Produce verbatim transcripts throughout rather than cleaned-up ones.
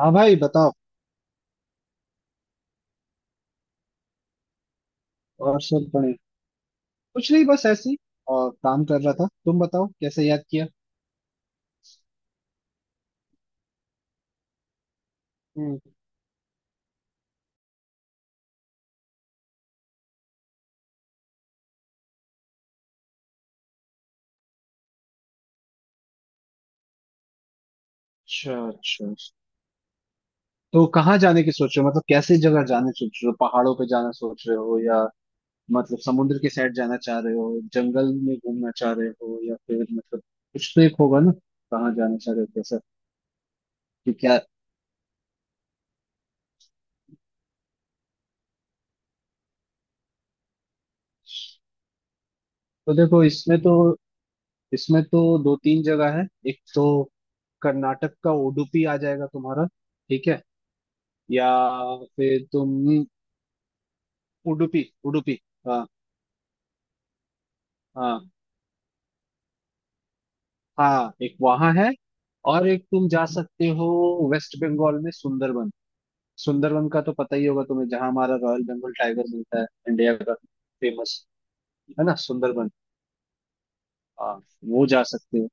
हाँ भाई बताओ। और सब बढ़िया। कुछ नहीं बस ऐसे ही और काम कर रहा था, तुम बताओ कैसे याद किया। हम्म। अच्छा अच्छा, तो कहाँ जाने की सोच रहे हो, मतलब कैसे जगह जाने सोच रहे हो? पहाड़ों पे जाना सोच रहे हो या मतलब समुद्र के साइड जाना चाह रहे हो, जंगल में घूमना चाह रहे हो, या फिर मतलब कुछ तो एक होगा ना। कहाँ जाना चाह रहे हो, कैसा? कि क्या? तो देखो इसमें तो इसमें तो दो तीन जगह है। एक तो कर्नाटक का उडुपी आ जाएगा तुम्हारा, ठीक है, या फिर तुम उडुपी उडुपी हाँ। हाँ, हाँ एक वहां है और एक तुम जा सकते हो, वेस्ट बंगाल में सुंदरबन। सुंदरबन का तो पता ही होगा तुम्हें, जहां हमारा रॉयल बंगाल टाइगर मिलता है इंडिया का फेमस, है ना सुंदरबन। हाँ वो जा सकते हो।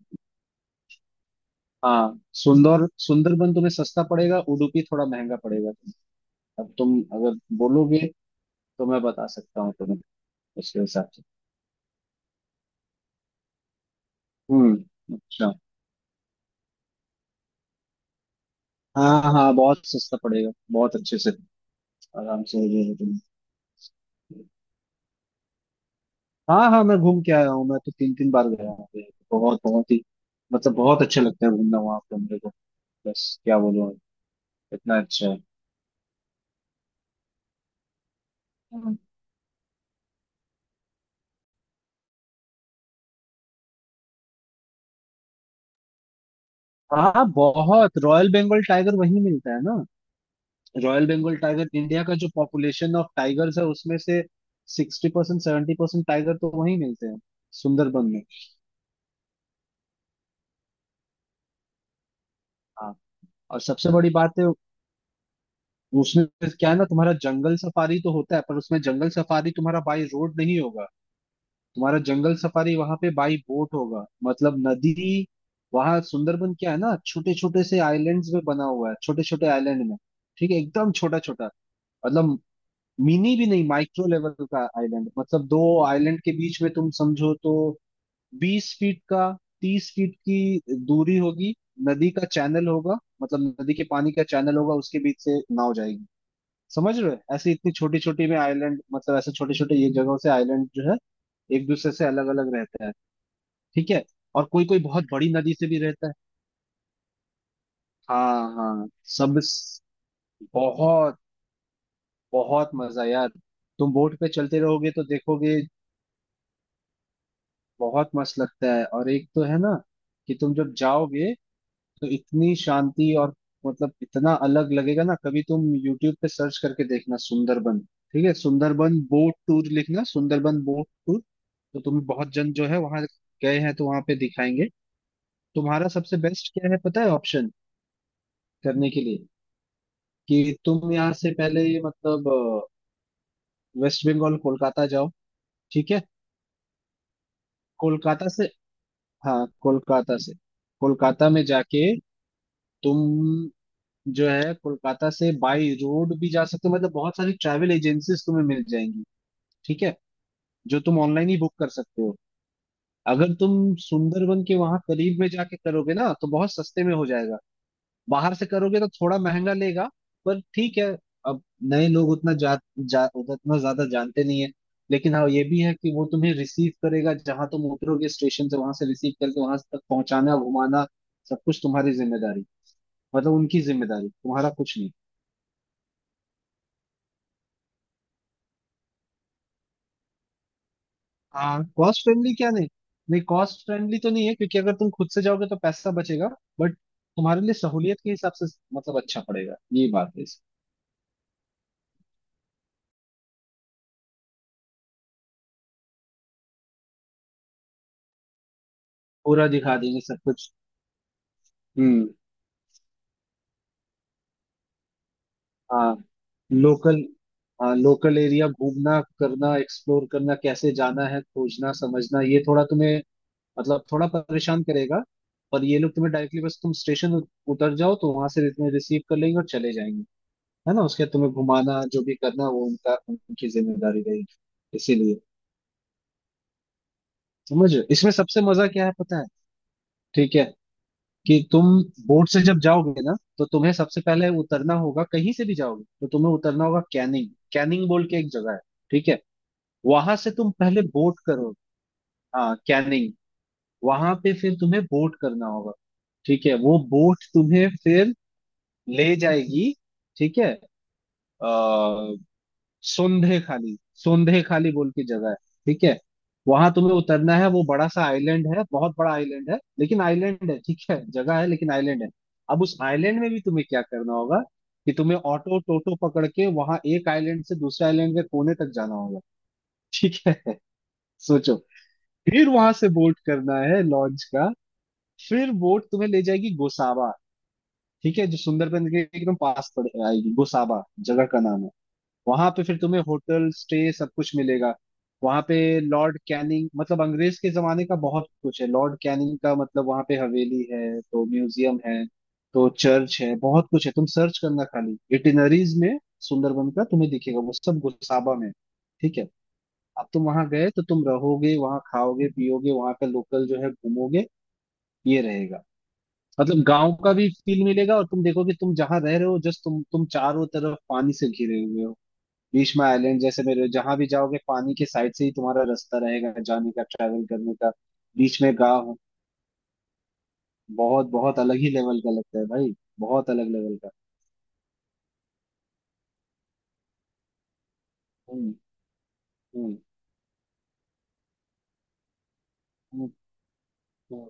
हाँ सुंदर सुंदरबन तुम्हें सस्ता पड़ेगा, उडुपी थोड़ा महंगा पड़ेगा तुम्हें। अब तुम अगर बोलोगे तो मैं बता सकता हूँ तुम्हें उसके हिसाब से। हम्म अच्छा। हाँ हाँ बहुत सस्ता पड़ेगा, बहुत अच्छे से आराम से हो जाएगा तुम्हें। हाँ हाँ मैं घूम के आया हूँ, मैं तो तीन तीन बार गया हूँ यहाँ पे। बहुत बहुत ही मतलब बहुत अच्छा लगता है घूमना वहाँ पे मेरे को, बस क्या बोलूँ इतना अच्छा है। हम्म। हाँ बहुत, रॉयल बंगाल टाइगर वहीं मिलता है ना। रॉयल बंगाल टाइगर इंडिया का जो पॉपुलेशन ऑफ टाइगर्स है उसमें से sixty percent seventy percent tiger तो वहीं मिलते हैं सुंदरबन में। हाँ और सबसे बड़ी बात है उसमें क्या है ना, तुम्हारा जंगल सफारी तो होता है पर उसमें जंगल सफारी तुम्हारा बाई रोड नहीं होगा, तुम्हारा जंगल सफारी वहां पे बाई बोट होगा, मतलब नदी। वहां सुंदरबन क्या है ना, छोटे छोटे से आइलैंड्स में बना हुआ है, छोटे छोटे आइलैंड में। ठीक है, एकदम छोटा छोटा, मतलब मिनी भी नहीं माइक्रो लेवल का आइलैंड, मतलब दो आइलैंड के बीच में तुम समझो तो बीस फीट का तीस फीट की दूरी होगी, नदी का चैनल होगा, मतलब नदी के पानी का चैनल होगा, उसके बीच से नाव जाएगी। समझ रहे हो, ऐसे इतनी छोटी छोटी में आइलैंड मतलब ऐसे छोटे छोटे ये जगहों से आइलैंड जो है एक दूसरे से अलग अलग रहते हैं। ठीक है। और कोई कोई बहुत बड़ी नदी से भी रहता है। हाँ हाँ सब, बहुत बहुत मजा यार, तुम बोट पे चलते रहोगे तो देखोगे बहुत मस्त लगता है। और एक तो है ना कि तुम जब जाओगे तो इतनी शांति और मतलब इतना अलग लगेगा ना। कभी तुम यूट्यूब पे सर्च करके देखना सुंदरबन, ठीक है, सुंदरबन बोट टूर लिखना, सुंदरबन बोट टूर। तो तुम्हें बहुत जन जो है वहां गए हैं तो वहां पे दिखाएंगे। तुम्हारा सबसे बेस्ट क्या है पता है ऑप्शन करने के लिए कि तुम यहाँ से पहले मतलब अ, वेस्ट बंगाल कोलकाता जाओ, ठीक है। कोलकाता से, हाँ कोलकाता से, कोलकाता में जाके तुम जो है कोलकाता से बाई रोड भी जा सकते हो, मतलब बहुत सारी ट्रैवल एजेंसीज तुम्हें मिल जाएंगी, ठीक है, जो तुम ऑनलाइन ही बुक कर सकते हो। अगर तुम सुंदरबन के वहां करीब में जाके करोगे ना तो बहुत सस्ते में हो जाएगा, बाहर से करोगे तो थोड़ा महंगा लेगा, पर ठीक है। अब नए लोग उतना जा, जा उतना ज्यादा जानते नहीं है, लेकिन हाँ ये भी है कि वो तुम्हें रिसीव करेगा, जहां तुम उतरोगे स्टेशन से वहां से रिसीव करके वहां तक पहुंचाना, घुमाना, सब कुछ तुम्हारी जिम्मेदारी, मतलब उनकी जिम्मेदारी, तुम्हारा कुछ नहीं। हाँ कॉस्ट फ्रेंडली क्या, नहीं नहीं कॉस्ट फ्रेंडली तो नहीं है, क्योंकि अगर तुम खुद से जाओगे तो पैसा बचेगा, बट तुम्हारे लिए सहूलियत के हिसाब से मतलब अच्छा पड़ेगा, ये बात है इसकी। पूरा दिखा देंगे सब कुछ। हम्म हाँ लोकल, हाँ लोकल एरिया घूमना करना एक्सप्लोर करना कैसे जाना है खोजना समझना, ये थोड़ा तुम्हें मतलब थोड़ा परेशान करेगा, पर ये लोग तुम्हें डायरेक्टली बस तुम स्टेशन उतर जाओ तो वहां से तुम्हें रिसीव कर लेंगे और चले जाएंगे, है ना। उसके बाद तुम्हें घुमाना जो भी करना वो उनका, उनकी जिम्मेदारी रहेगी इसीलिए। समझ रहे हो? इसमें सबसे मजा क्या है पता है। ठीक है कि तुम बोट से जब जाओगे ना तो तुम्हें सबसे पहले उतरना होगा, कहीं से भी जाओगे तो तुम्हें उतरना होगा कैनिंग, कैनिंग बोल के एक जगह है, ठीक है। वहां से तुम पहले बोट करो, हाँ कैनिंग, वहां पे फिर तुम्हें बोट करना होगा, ठीक है। वो बोट तुम्हें फिर ले जाएगी, ठीक है, अ सोंधे खाली, सोंधे खाली बोल के जगह है, ठीक है। वहां तुम्हें उतरना है, वो बड़ा सा आइलैंड है, बहुत बड़ा आइलैंड है, लेकिन आइलैंड है, ठीक है। जगह है लेकिन आइलैंड है। अब उस आइलैंड में भी तुम्हें क्या करना होगा कि तुम्हें ऑटो टोटो पकड़ के वहां एक आइलैंड से दूसरे आइलैंड के कोने तक जाना होगा, ठीक है। सोचो, फिर वहां से बोट करना है लॉन्च का, फिर बोट तुम्हें ले जाएगी गोसावा, ठीक है, जो सुंदरबन के एकदम पास पड़ आएगी गोसावा, जगह का नाम है। वहां पे फिर तुम्हें होटल स्टे सब कुछ मिलेगा। वहां पे लॉर्ड कैनिंग, मतलब अंग्रेज के जमाने का बहुत कुछ है, लॉर्ड कैनिंग का मतलब वहां पे हवेली है तो, म्यूजियम है तो, चर्च है, बहुत कुछ है। तुम सर्च करना खाली इटिनरीज में सुंदरबन का, तुम्हें दिखेगा वो सब गोसाबा में है। ठीक है। अब तुम वहां गए तो तुम रहोगे वहां, खाओगे पियोगे, वहां का लोकल जो है घूमोगे, ये रहेगा, मतलब गांव का भी फील मिलेगा। और तुम देखोगे तुम जहां रह रहे हो जस्ट तुम तुम चारों तरफ पानी से घिरे हुए हो, बीच में आइलैंड जैसे मेरे जहां भी जाओगे पानी के साइड से ही तुम्हारा रास्ता रहेगा जाने का ट्रैवल करने का, बीच में गाँव है। बहुत बहुत अलग ही लेवल का लगता है भाई, बहुत अलग लेवल का। हम्म हम्म हम्म हम्म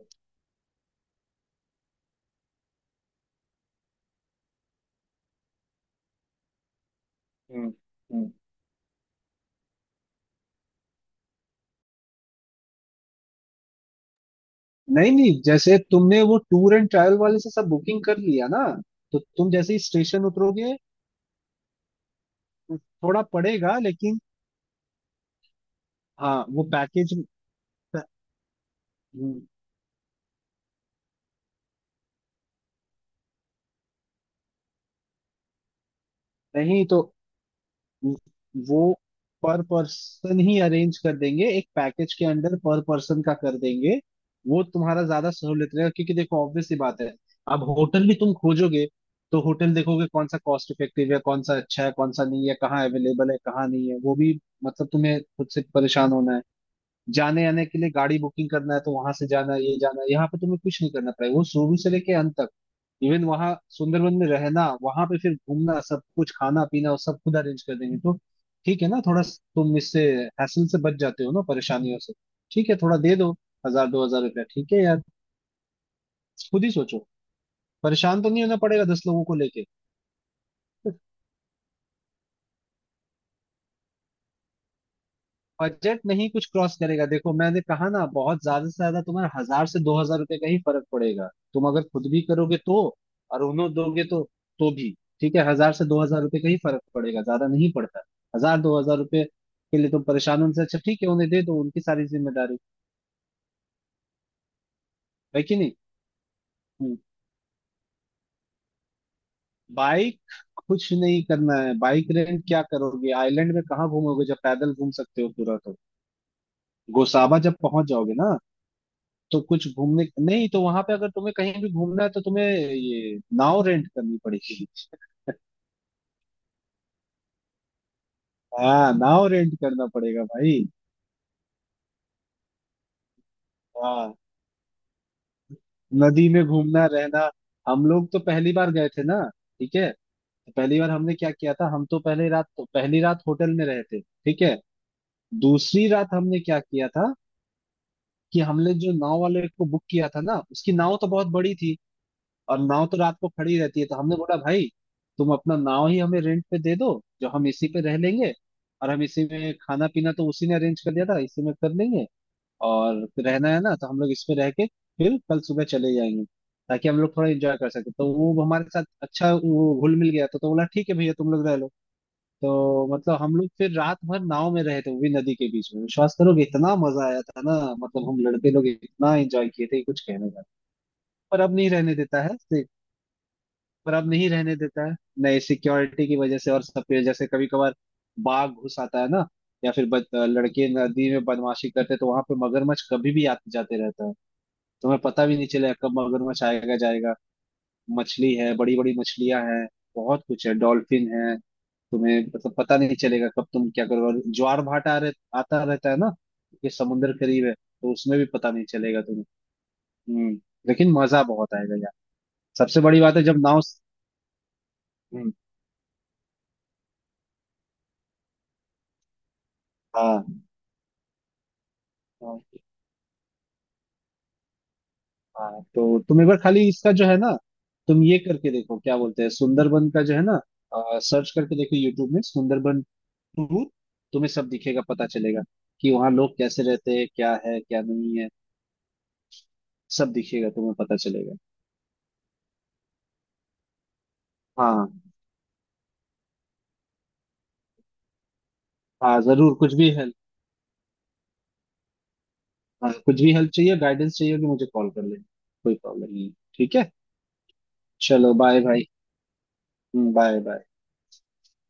हम्म हम्म। नहीं नहीं, जैसे तुमने वो टूर एंड ट्रैवल वाले से सब बुकिंग कर लिया ना, तो तुम जैसे ही स्टेशन उतरोगे, थोड़ा पड़ेगा लेकिन, हाँ वो पैकेज, नहीं तो वो पर पर्सन ही अरेंज कर देंगे, एक पैकेज के अंडर पर पर्सन का कर देंगे। वो तुम्हारा ज्यादा सहूलियत रहेगा, क्योंकि देखो ऑब्वियस सी बात है अब होटल भी तुम खोजोगे तो होटल देखोगे कौन सा कॉस्ट इफेक्टिव है, कौन सा अच्छा है, कौन सा नहीं है, कहाँ अवेलेबल है, कहाँ नहीं है, वो भी मतलब तुम्हें खुद से परेशान होना है। जाने आने के लिए गाड़ी बुकिंग करना है तो वहां से जाना, ये जाना, यहाँ पे तुम्हें कुछ नहीं करना पड़ेगा, वो शुरू से लेके अंत तक, इवन वहां सुंदरबन में रहना, वहां पे फिर घूमना, सब कुछ खाना पीना वो सब खुद अरेंज कर देंगे। तो ठीक है ना, थोड़ा स- तुम इससे हैसल से बच जाते हो ना, परेशानियों से। ठीक है, थोड़ा दे दो हजार दो हजार रुपया, ठीक है यार, खुद ही सोचो, परेशान तो नहीं होना पड़ेगा दस लोगों को लेके। बजट नहीं कुछ क्रॉस करेगा, देखो मैंने कहा ना बहुत ज्यादा से ज्यादा तुम्हारा हजार से दो हजार रुपए का ही फर्क पड़ेगा। तुम अगर खुद भी करोगे तो और उन्हों दोगे तो तो भी ठीक है, हजार से दो हजार रुपए का ही फर्क पड़ेगा, ज्यादा नहीं पड़ता। हजार दो हजार रुपए के लिए तुम परेशान हो, उनसे अच्छा ठीक है उन्हें दे दो, उनकी सारी जिम्मेदारी है कि नहीं। हम्म। बाइक, कुछ नहीं करना है, बाइक रेंट क्या करोगे आइलैंड में, कहाँ घूमोगे जब पैदल घूम सकते हो पूरा तो। गोसाबा जब पहुंच जाओगे ना तो कुछ घूमने नहीं, तो वहां पे अगर तुम्हें कहीं भी घूमना है तो तुम्हें ये नाव रेंट करनी पड़ेगी। हाँ नाव रेंट करना पड़ेगा भाई। हाँ नदी में घूमना रहना। हम लोग तो पहली बार गए थे ना, ठीक है, तो पहली बार हमने क्या किया था, हम तो पहली रात, तो पहली रात होटल में रहे थे, ठीक है। दूसरी रात हमने क्या किया था कि हमने जो नाव वाले को बुक किया था ना उसकी नाव तो बहुत बड़ी थी, और नाव तो रात को खड़ी रहती है, तो हमने बोला भाई तुम अपना नाव ही हमें रेंट पे दे दो, जो हम इसी पे रह लेंगे, और हम इसी में खाना पीना तो उसी ने अरेंज कर दिया था, इसी में कर लेंगे। और रहना है ना, तो हम लोग इस पे रह के फिर कल सुबह चले जाएंगे, ताकि हम लोग थोड़ा एंजॉय कर सके, तो वो हमारे साथ अच्छा वो घुल मिल गया तो, तो बोला ठीक है भैया तुम लोग रह लो। तो मतलब हम लोग फिर रात भर नाव में रहे थे, वो भी नदी के बीच में, विश्वास करोगे इतना मजा आया था ना, मतलब हम लड़के लोग इतना एंजॉय किए थे कि कुछ कहने का। पर अब नहीं रहने देता है तो, पर अब नहीं रहने देता है। नहीं, सिक्योरिटी की वजह से, और सब पे जैसे कभी कभार बाघ घुस आता है ना, या फिर बच, लड़के नदी में बदमाशी करते हैं, तो वहां पे मगरमच्छ कभी भी आते जाते रहता है, तुम्हें पता भी नहीं चलेगा कब मगरमच्छ आएगा जाएगा। मछली है, बड़ी बड़ी मछलियां हैं, बहुत कुछ है, डॉल्फिन है, तुम्हें मतलब पता नहीं चलेगा कब तुम क्या करोगे। और ज्वार भाटा रह, आता रहता है ना, कि समुंदर करीब है, तो उसमें भी पता नहीं चलेगा तुम्हें। हम्म। लेकिन मजा बहुत आएगा यार। सबसे बड़ी बात है जब नाव। हम्म। हाँ। हाँ, हाँ तो तुम एक बार खाली इसका जो है ना, तुम ये करके देखो, क्या बोलते हैं सुंदरबन का जो है ना, सर्च करके देखो यूट्यूब में सुंदरबन टूर, तुम्हें सब दिखेगा पता चलेगा, कि वहाँ लोग कैसे रहते हैं, क्या है क्या नहीं है, सब दिखेगा तुम्हें पता चलेगा। हाँ, हाँ जरूर कुछ भी हेल्प। हाँ कुछ भी हेल्प चाहिए, गाइडेंस चाहिए होगी, मुझे कॉल कर लेना, कोई प्रॉब्लम नहीं है। ठीक है चलो बाय भाई। Bye bye.